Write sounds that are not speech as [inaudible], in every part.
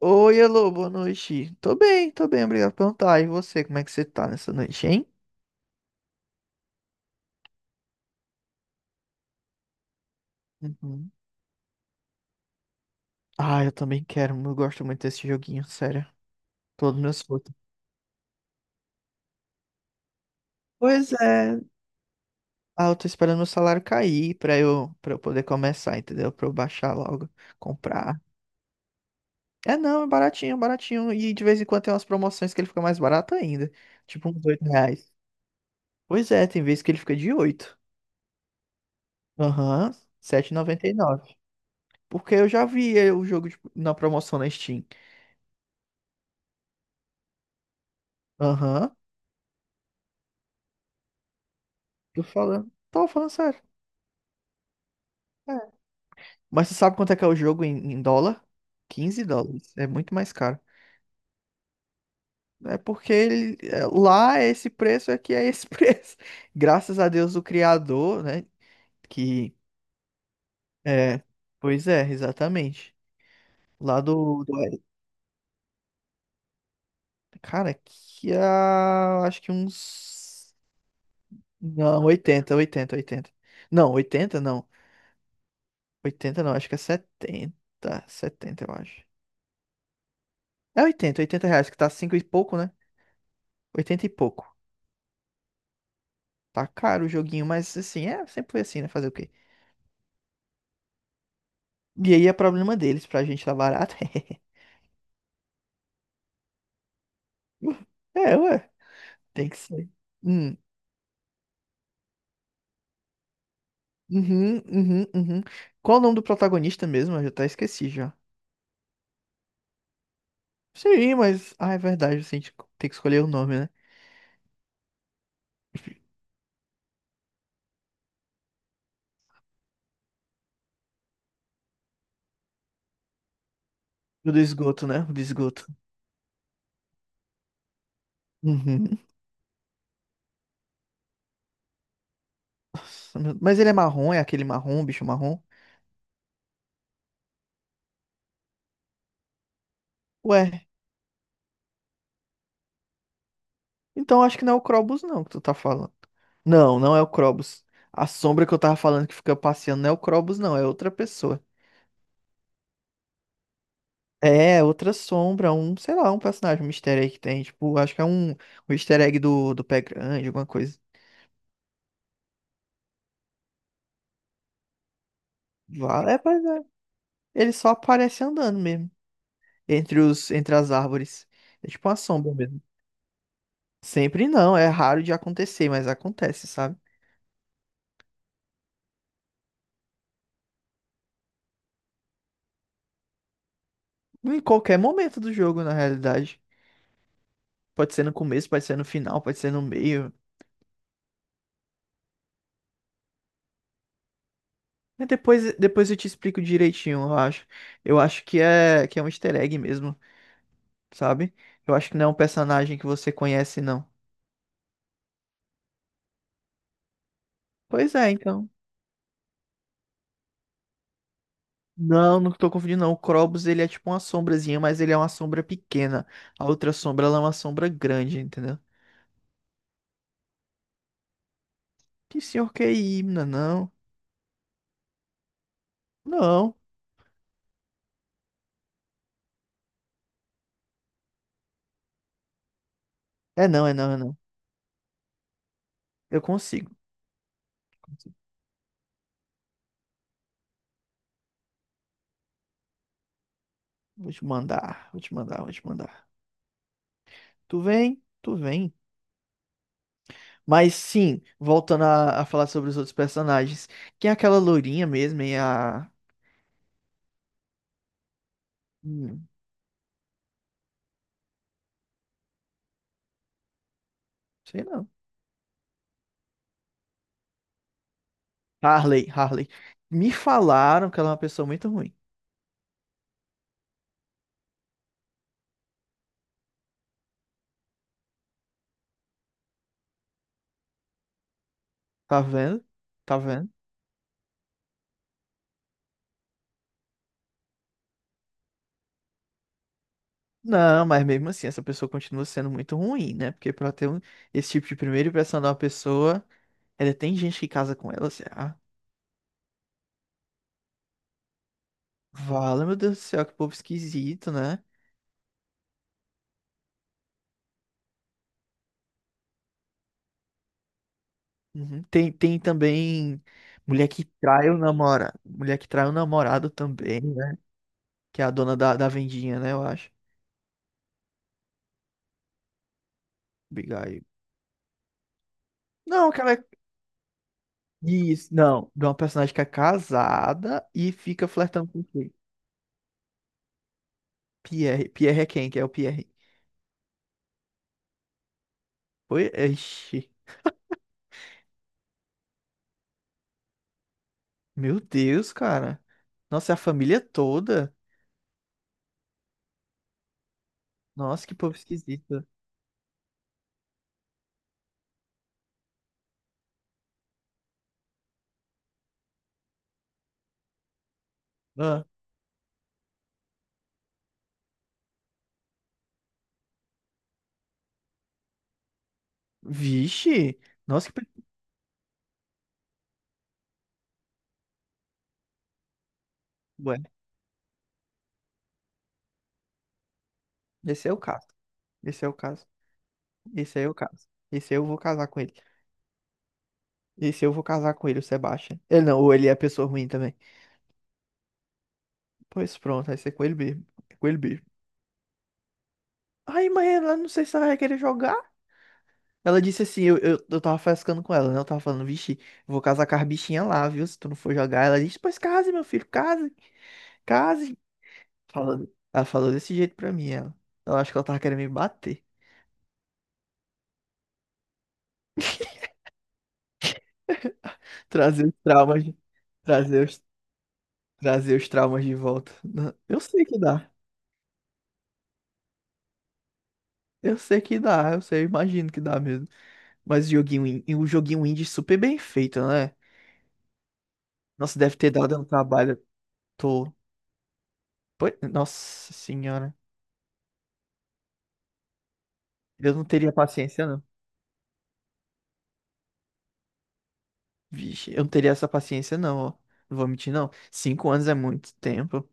Oi, alô, boa noite. Tô bem, obrigado por perguntar. E você, como é que você tá nessa noite, hein? Uhum. Ah, eu também quero, eu gosto muito desse joguinho, sério. Todos meus frutos. Pois é. Ah, eu tô esperando meu salário cair pra eu poder começar, entendeu? Pra eu baixar logo, comprar. É, não, é baratinho, baratinho. E de vez em quando tem umas promoções que ele fica mais barato ainda. Tipo uns R$ 8. Pois é, tem vezes que ele fica de 8. Aham, 7,99. Porque eu já vi na promoção na Steam. Aham. Tô falando. Tô falando sério. É. Mas você sabe quanto é que é o jogo em dólar? US$ 15. É muito mais caro. É porque ele, lá é esse preço, aqui é esse [laughs] preço. Graças a Deus, o criador, né? Que é. Pois é, exatamente. Lá do, do- Cara, aqui há. Acho que uns. Não, oitenta, oitenta, oitenta. Não, 80 não. Oitenta não, acho que é setenta, setenta, eu acho. É oitenta, oitenta reais, que tá 5 e pouco, né? Oitenta e pouco. Tá caro o joguinho, mas assim, sempre foi assim, né? Fazer o quê? E aí é problema deles, pra gente tá barato. [laughs] É, ué, tem que ser. Hum, uhum, uhum, uhum. Qual o nome do protagonista mesmo? Eu já até esqueci já. Sim, mas. Ah, é verdade, assim, a gente tem que escolher o nome, né? O do esgoto, né? O do esgoto. Uhum. Nossa, mas ele é marrom, é aquele marrom, bicho marrom? Ué. Então acho que não é o Krobus não que tu tá falando. Não, não é o Krobus. A sombra que eu tava falando que fica passeando não é o Krobus não, é outra pessoa. É, outra sombra, um, sei lá, um personagem, um easter egg que tem, tipo, acho que é um easter egg do Pé Grande, alguma coisa. Vale, é, pois é. Ele só aparece andando mesmo, entre os, entre as árvores. É tipo uma sombra mesmo. Sempre não, é raro de acontecer, mas acontece, sabe? Em qualquer momento do jogo, na realidade. Pode ser no começo, pode ser no final, pode ser no meio. Mas depois eu te explico direitinho, eu acho. Eu acho que é um easter egg mesmo, sabe? Eu acho que não é um personagem que você conhece, não. Pois é, então. Não, não tô confundindo, não. O Krobus, ele é tipo uma sombrazinha, mas ele é uma sombra pequena. A outra sombra, ela é uma sombra grande, entendeu? Que senhor que é himna, não. Não. É não, é não, é não. Eu consigo. Vou te mandar, vou te mandar, vou te mandar. Tu vem? Tu vem? Mas sim, voltando a falar sobre os outros personagens. Quem é aquela loirinha mesmo, e a. hum, Sei não. Harley, Harley. Me falaram que ela é uma pessoa muito ruim. Tá vendo? Tá vendo? Não, mas mesmo assim, essa pessoa continua sendo muito ruim, né? Porque pra ter esse tipo de primeira impressão de uma pessoa, ainda tem gente que casa com ela, assim, ah. Vala, meu Deus do céu, que povo esquisito, né? Uhum. Tem também mulher que trai o namorado, mulher que trai o namorado também, né? Que é a dona da vendinha, né? Eu acho. Abigail. Não, que ela é. Isso, não. De uma personagem que é casada e fica flertando com quem? Pierre. Pierre é quem? Que é o Pierre. Oi? Ixi. Meu Deus, cara. Nossa, é a família toda. Nossa, que povo esquisito. Ah. Vixe. Nossa, que. Ué, esse é o caso. Esse é o caso. Esse aí é o caso. Esse aí eu vou casar com ele. Esse eu vou casar com ele, o Sebastian. Ele não, ou ele é pessoa ruim também. Pois pronto, vai ser com ele mesmo. É com ele mesmo. Ai, mãe, ela não sei se ela vai querer jogar. Ela disse assim, eu tava frescando com ela, né? Eu tava falando, vixe, vou casar com as bichinhas lá, viu? Se tu não for jogar. Ela disse, pois case, meu filho, case, case. Falando. Ela falou desse jeito pra mim, ela. Eu acho que ela tava querendo me bater. Trazer os traumas, trazer os, trazer os traumas de volta. Não, eu sei que dá. Eu sei que dá, eu sei, eu imagino que dá mesmo. Mas o joguinho, e o joguinho indie super bem feito, né? Nossa, deve ter dado um trabalho. Tô. Pô, nossa senhora. Eu não teria paciência, não. Vixe, eu não teria essa paciência, não, ó. Não vou mentir, não. 5 anos é muito tempo.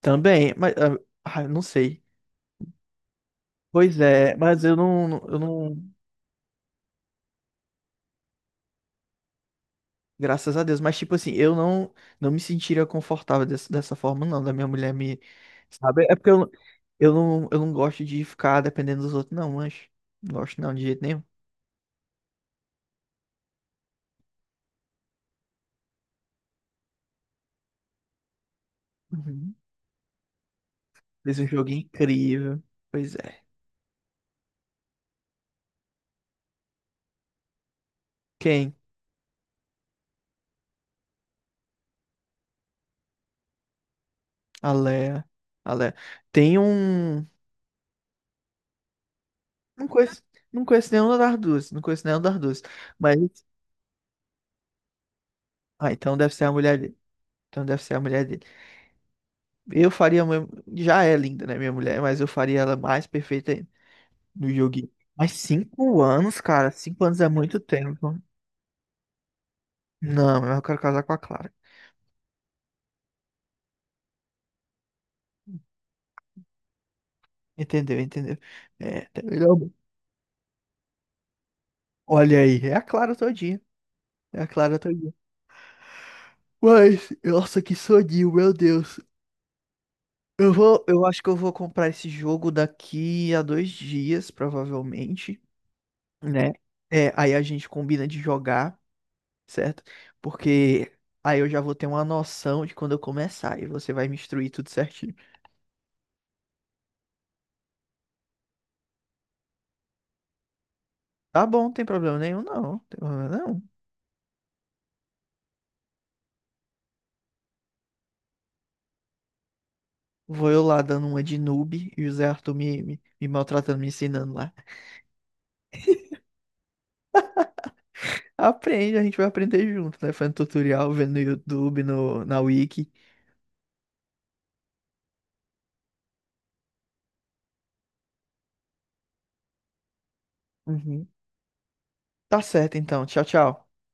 Também, mas ah, eu não sei. Pois é, mas eu não, eu não. Graças a Deus. Mas, tipo assim, eu não me sentiria confortável dessa forma, não. Da minha mulher me. Sabe? É porque eu não gosto de ficar dependendo dos outros, não, mas. Não gosto, não, de jeito nenhum. Uhum. Fez um jogo incrível. Pois é. Quem? A Lea. A Lea. Tem um. Não conheço, não conheço nenhuma das duas. Não conheço nenhuma das duas. Mas. Ah, então deve ser a mulher dele. Então deve ser a mulher dele. Eu faria. A já é linda, né, minha mulher? Mas eu faria ela mais perfeita ainda no joguinho. Mas 5 anos, cara. 5 anos é muito tempo. Não, eu quero casar com a Clara. Entendeu, entendeu? É, tá melhor. Olha aí, é a Clara todinha. É a Clara todinha. Mas, nossa, que soninho, meu Deus. Eu vou, eu acho que eu vou comprar esse jogo daqui a 2 dias, provavelmente. Né? É, aí a gente combina de jogar, certo? Porque aí eu já vou ter uma noção de quando eu começar e você vai me instruir tudo certinho. Tá bom, não tem problema nenhum, não. Não tem problema não. Vou eu lá dando uma de noob e o Zé Arthur me maltratando, me ensinando lá. Aprende, a gente vai aprender junto, né? Fazendo tutorial, vendo no YouTube, no, na Wiki. Uhum. Tá certo, então. Tchau, tchau.